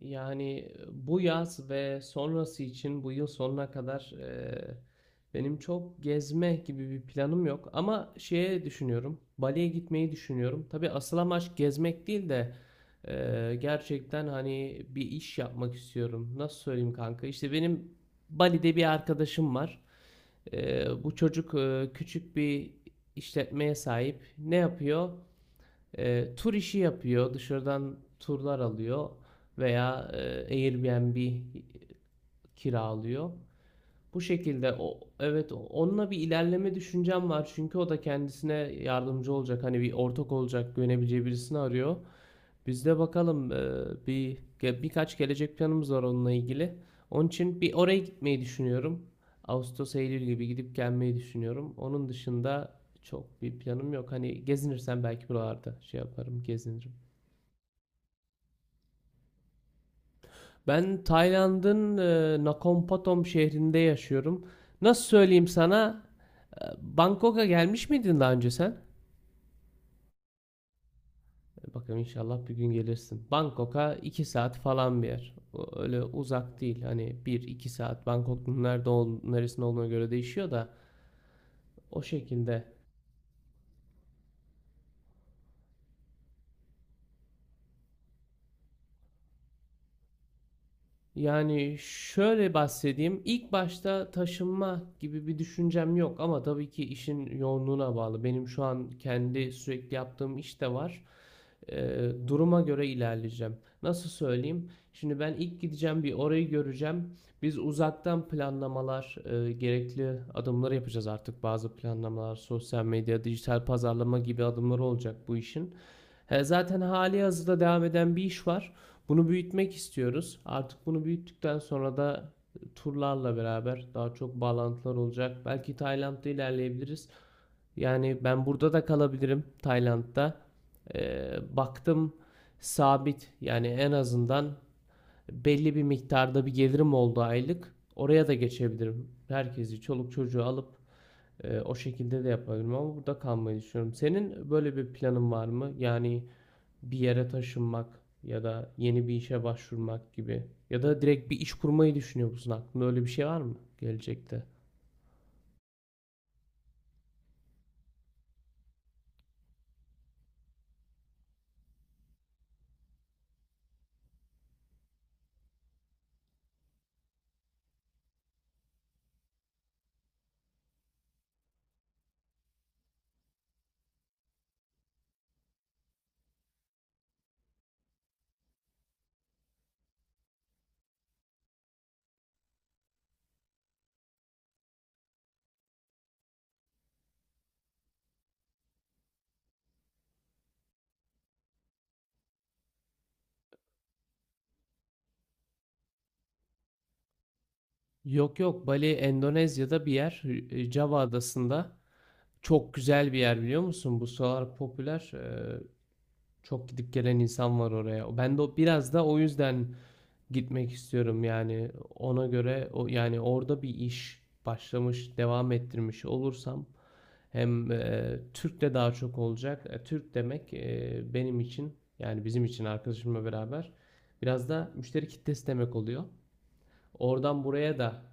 Yani bu yaz ve sonrası için bu yıl sonuna kadar benim çok gezme gibi bir planım yok. Ama şeye düşünüyorum. Bali'ye gitmeyi düşünüyorum. Tabii asıl amaç gezmek değil de gerçekten hani bir iş yapmak istiyorum. Nasıl söyleyeyim kanka? İşte benim Bali'de bir arkadaşım var. Bu çocuk küçük bir işletmeye sahip. Ne yapıyor? Tur işi yapıyor, dışarıdan turlar alıyor veya Airbnb kiralıyor. Bu şekilde evet, onunla bir ilerleme düşüncem var çünkü o da kendisine yardımcı olacak, hani bir ortak olacak, güvenebileceği birisini arıyor. Biz de bakalım, birkaç gelecek planımız var onunla ilgili. Onun için bir oraya gitmeyi düşünüyorum. Ağustos Eylül gibi gidip gelmeyi düşünüyorum. Onun dışında çok bir planım yok. Hani gezinirsem belki buralarda şey yaparım, gezinirim. Ben Tayland'ın Nakhon Pathom şehrinde yaşıyorum. Nasıl söyleyeyim sana? Bangkok'a gelmiş miydin daha önce sen? Bakalım inşallah bir gün gelirsin. Bangkok'a 2 saat falan bir yer. Öyle uzak değil. Hani bir iki saat. Bangkok'un neresinde olduğuna göre değişiyor da o şekilde. Yani şöyle bahsedeyim. İlk başta taşınma gibi bir düşüncem yok ama tabii ki işin yoğunluğuna bağlı. Benim şu an kendi sürekli yaptığım iş de var. Duruma göre ilerleyeceğim. Nasıl söyleyeyim? Şimdi ben ilk gideceğim, bir orayı göreceğim. Biz uzaktan planlamalar, gerekli adımları yapacağız artık. Bazı planlamalar, sosyal medya, dijital pazarlama gibi adımları olacak bu işin. He, zaten hali hazırda devam eden bir iş var. Bunu büyütmek istiyoruz. Artık bunu büyüttükten sonra da turlarla beraber daha çok bağlantılar olacak. Belki Tayland'da ilerleyebiliriz. Yani ben burada da kalabilirim, Tayland'da. Baktım sabit, yani en azından belli bir miktarda bir gelirim oldu aylık, oraya da geçebilirim. Herkesi, çoluk çocuğu alıp o şekilde de yapabilirim ama burada kalmayı düşünüyorum. Senin böyle bir planın var mı? Yani bir yere taşınmak ya da yeni bir işe başvurmak gibi ya da direkt bir iş kurmayı düşünüyor musun? Aklında öyle bir şey var mı gelecekte? Yok yok, Bali Endonezya'da bir yer, Java adasında. Çok güzel bir yer, biliyor musun? Bu sıralar popüler, çok gidip gelen insan var oraya. Ben de biraz da o yüzden gitmek istiyorum. Yani ona göre, o yani orada bir iş başlamış, devam ettirmiş olursam hem Türk de daha çok olacak. Türk demek, benim için, yani bizim için arkadaşımla beraber biraz da müşteri kitlesi demek oluyor. Oradan buraya da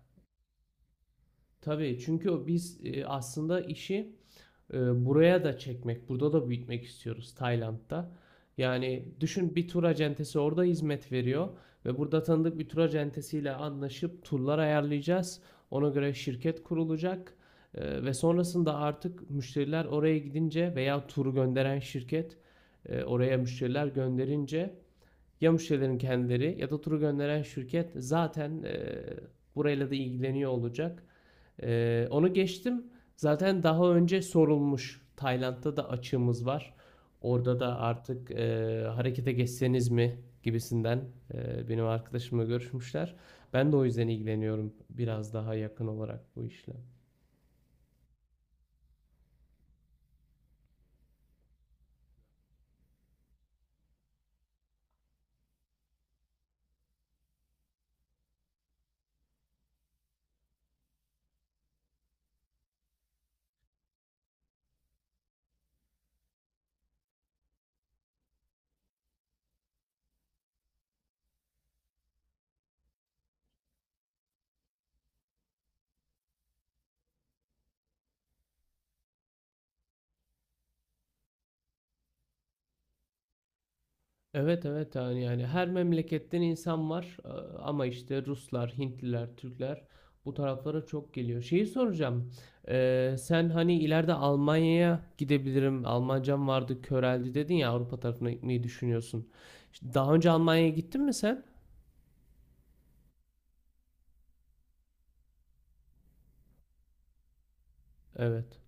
tabii, çünkü biz aslında işi buraya da çekmek, burada da büyütmek istiyoruz Tayland'da. Yani düşün, bir tur acentesi orada hizmet veriyor ve burada tanıdık bir tur acentesiyle anlaşıp turlar ayarlayacağız. Ona göre şirket kurulacak. Ve sonrasında artık müşteriler oraya gidince veya turu gönderen şirket oraya müşteriler gönderince, ya müşterilerin kendileri ya da turu gönderen şirket zaten burayla da ilgileniyor olacak. Onu geçtim. Zaten daha önce sorulmuş, Tayland'da da açığımız var. Orada da artık harekete geçseniz mi gibisinden benim arkadaşımla görüşmüşler. Ben de o yüzden ilgileniyorum biraz daha yakın olarak bu işle. Evet, evet, yani, yani her memleketten insan var. Ama işte Ruslar, Hintliler, Türkler bu taraflara çok geliyor. Şeyi soracağım. Sen hani ileride Almanya'ya gidebilirim, Almancam vardı, köreldi dedin ya, Avrupa tarafına gitmeyi düşünüyorsun. İşte daha önce Almanya'ya gittin mi sen? Evet.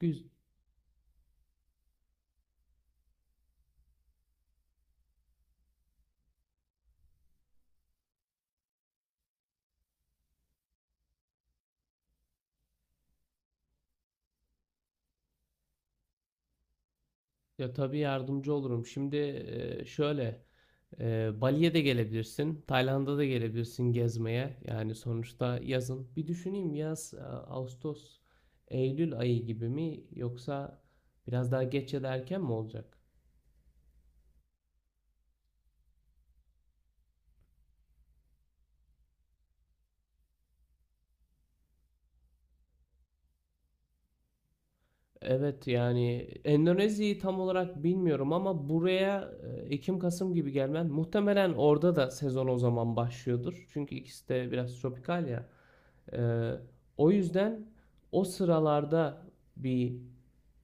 Güz, ya tabii yardımcı olurum. Şimdi şöyle, Bali'ye de gelebilirsin, Tayland'a da gelebilirsin gezmeye. Yani sonuçta yazın. Bir düşüneyim, yaz, Ağustos, Eylül ayı gibi mi, yoksa biraz daha geç ya da erken mi olacak? Evet, yani Endonezya'yı tam olarak bilmiyorum ama buraya Ekim Kasım gibi gelmen muhtemelen, orada da sezon o zaman başlıyordur. Çünkü ikisi de biraz tropikal ya. Ee, O yüzden o sıralarda bir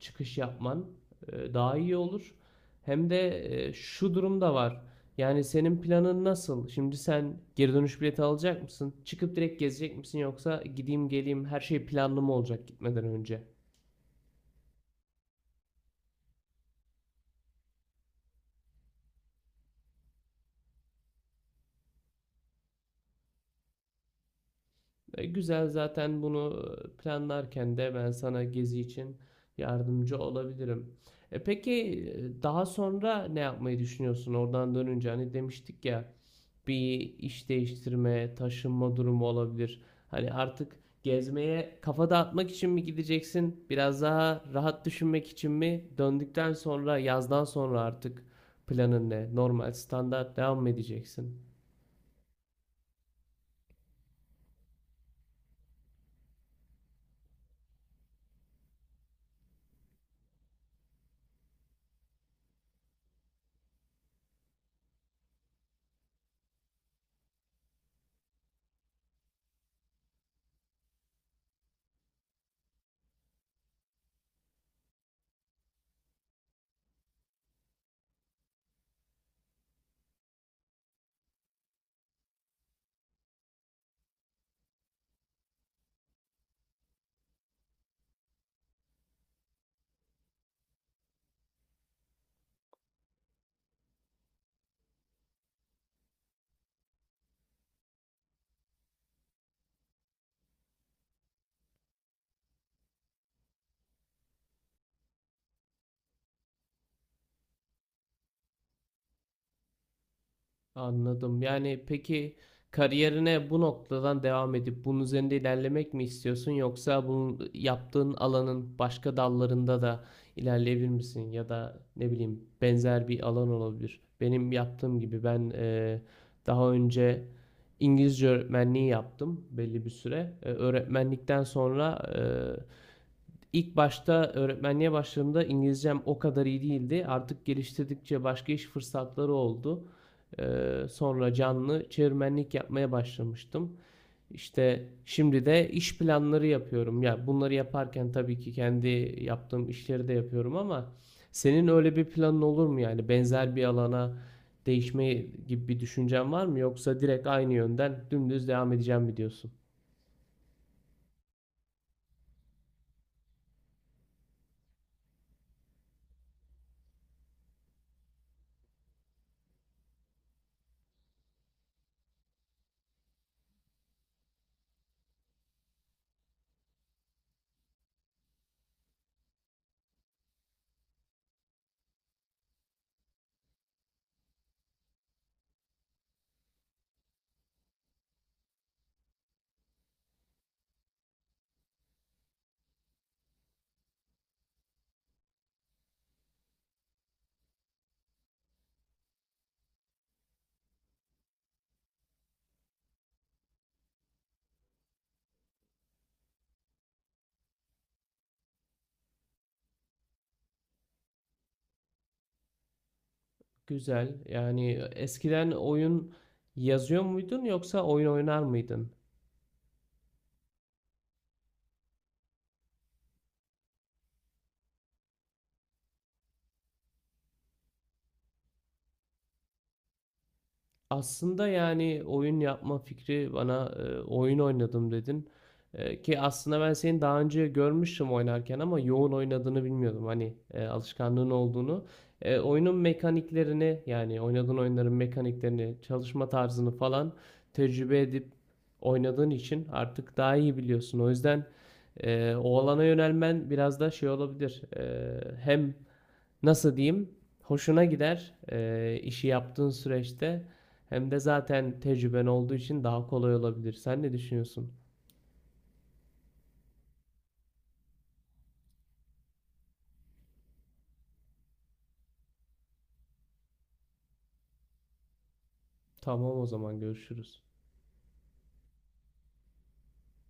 çıkış yapman daha iyi olur. Hem de şu durum da var. Yani senin planın nasıl? Şimdi sen geri dönüş bileti alacak mısın? Çıkıp direkt gezecek misin, yoksa gideyim geleyim, her şey planlı mı olacak gitmeden önce? Güzel, zaten bunu planlarken de ben sana gezi için yardımcı olabilirim. E peki, daha sonra ne yapmayı düşünüyorsun oradan dönünce? Hani demiştik ya, bir iş değiştirme, taşınma durumu olabilir. Hani artık gezmeye, kafa dağıtmak için mi gideceksin? Biraz daha rahat düşünmek için mi? Döndükten sonra, yazdan sonra artık planın ne? Normal standart devam mı edeceksin? Anladım. Yani peki, kariyerine bu noktadan devam edip bunun üzerinde ilerlemek mi istiyorsun, yoksa bu yaptığın alanın başka dallarında da ilerleyebilir misin, ya da ne bileyim, benzer bir alan olabilir. Benim yaptığım gibi. Ben daha önce İngilizce öğretmenliği yaptım belli bir süre. E, öğretmenlikten sonra, İlk başta öğretmenliğe başladığımda İngilizcem o kadar iyi değildi. Artık geliştirdikçe başka iş fırsatları oldu. Sonra canlı çevirmenlik yapmaya başlamıştım. İşte şimdi de iş planları yapıyorum. Ya bunları yaparken tabii ki kendi yaptığım işleri de yapıyorum ama senin öyle bir planın olur mu, yani benzer bir alana değişme gibi bir düşüncen var mı, yoksa direkt aynı yönden dümdüz devam edeceğim mi diyorsun? Güzel. Yani eskiden oyun yazıyor muydun, yoksa oyun oynar mıydın? Aslında yani oyun yapma fikri bana, oyun oynadım dedin. E, ki aslında ben seni daha önce görmüştüm oynarken ama yoğun oynadığını bilmiyordum. Hani alışkanlığın olduğunu. E, oyunun mekaniklerini, yani oynadığın oyunların mekaniklerini, çalışma tarzını falan tecrübe edip oynadığın için artık daha iyi biliyorsun. O yüzden o alana yönelmen biraz da şey olabilir. E, hem nasıl diyeyim, hoşuna gider işi yaptığın süreçte, hem de zaten tecrüben olduğu için daha kolay olabilir. Sen ne düşünüyorsun? Tamam, o zaman görüşürüz.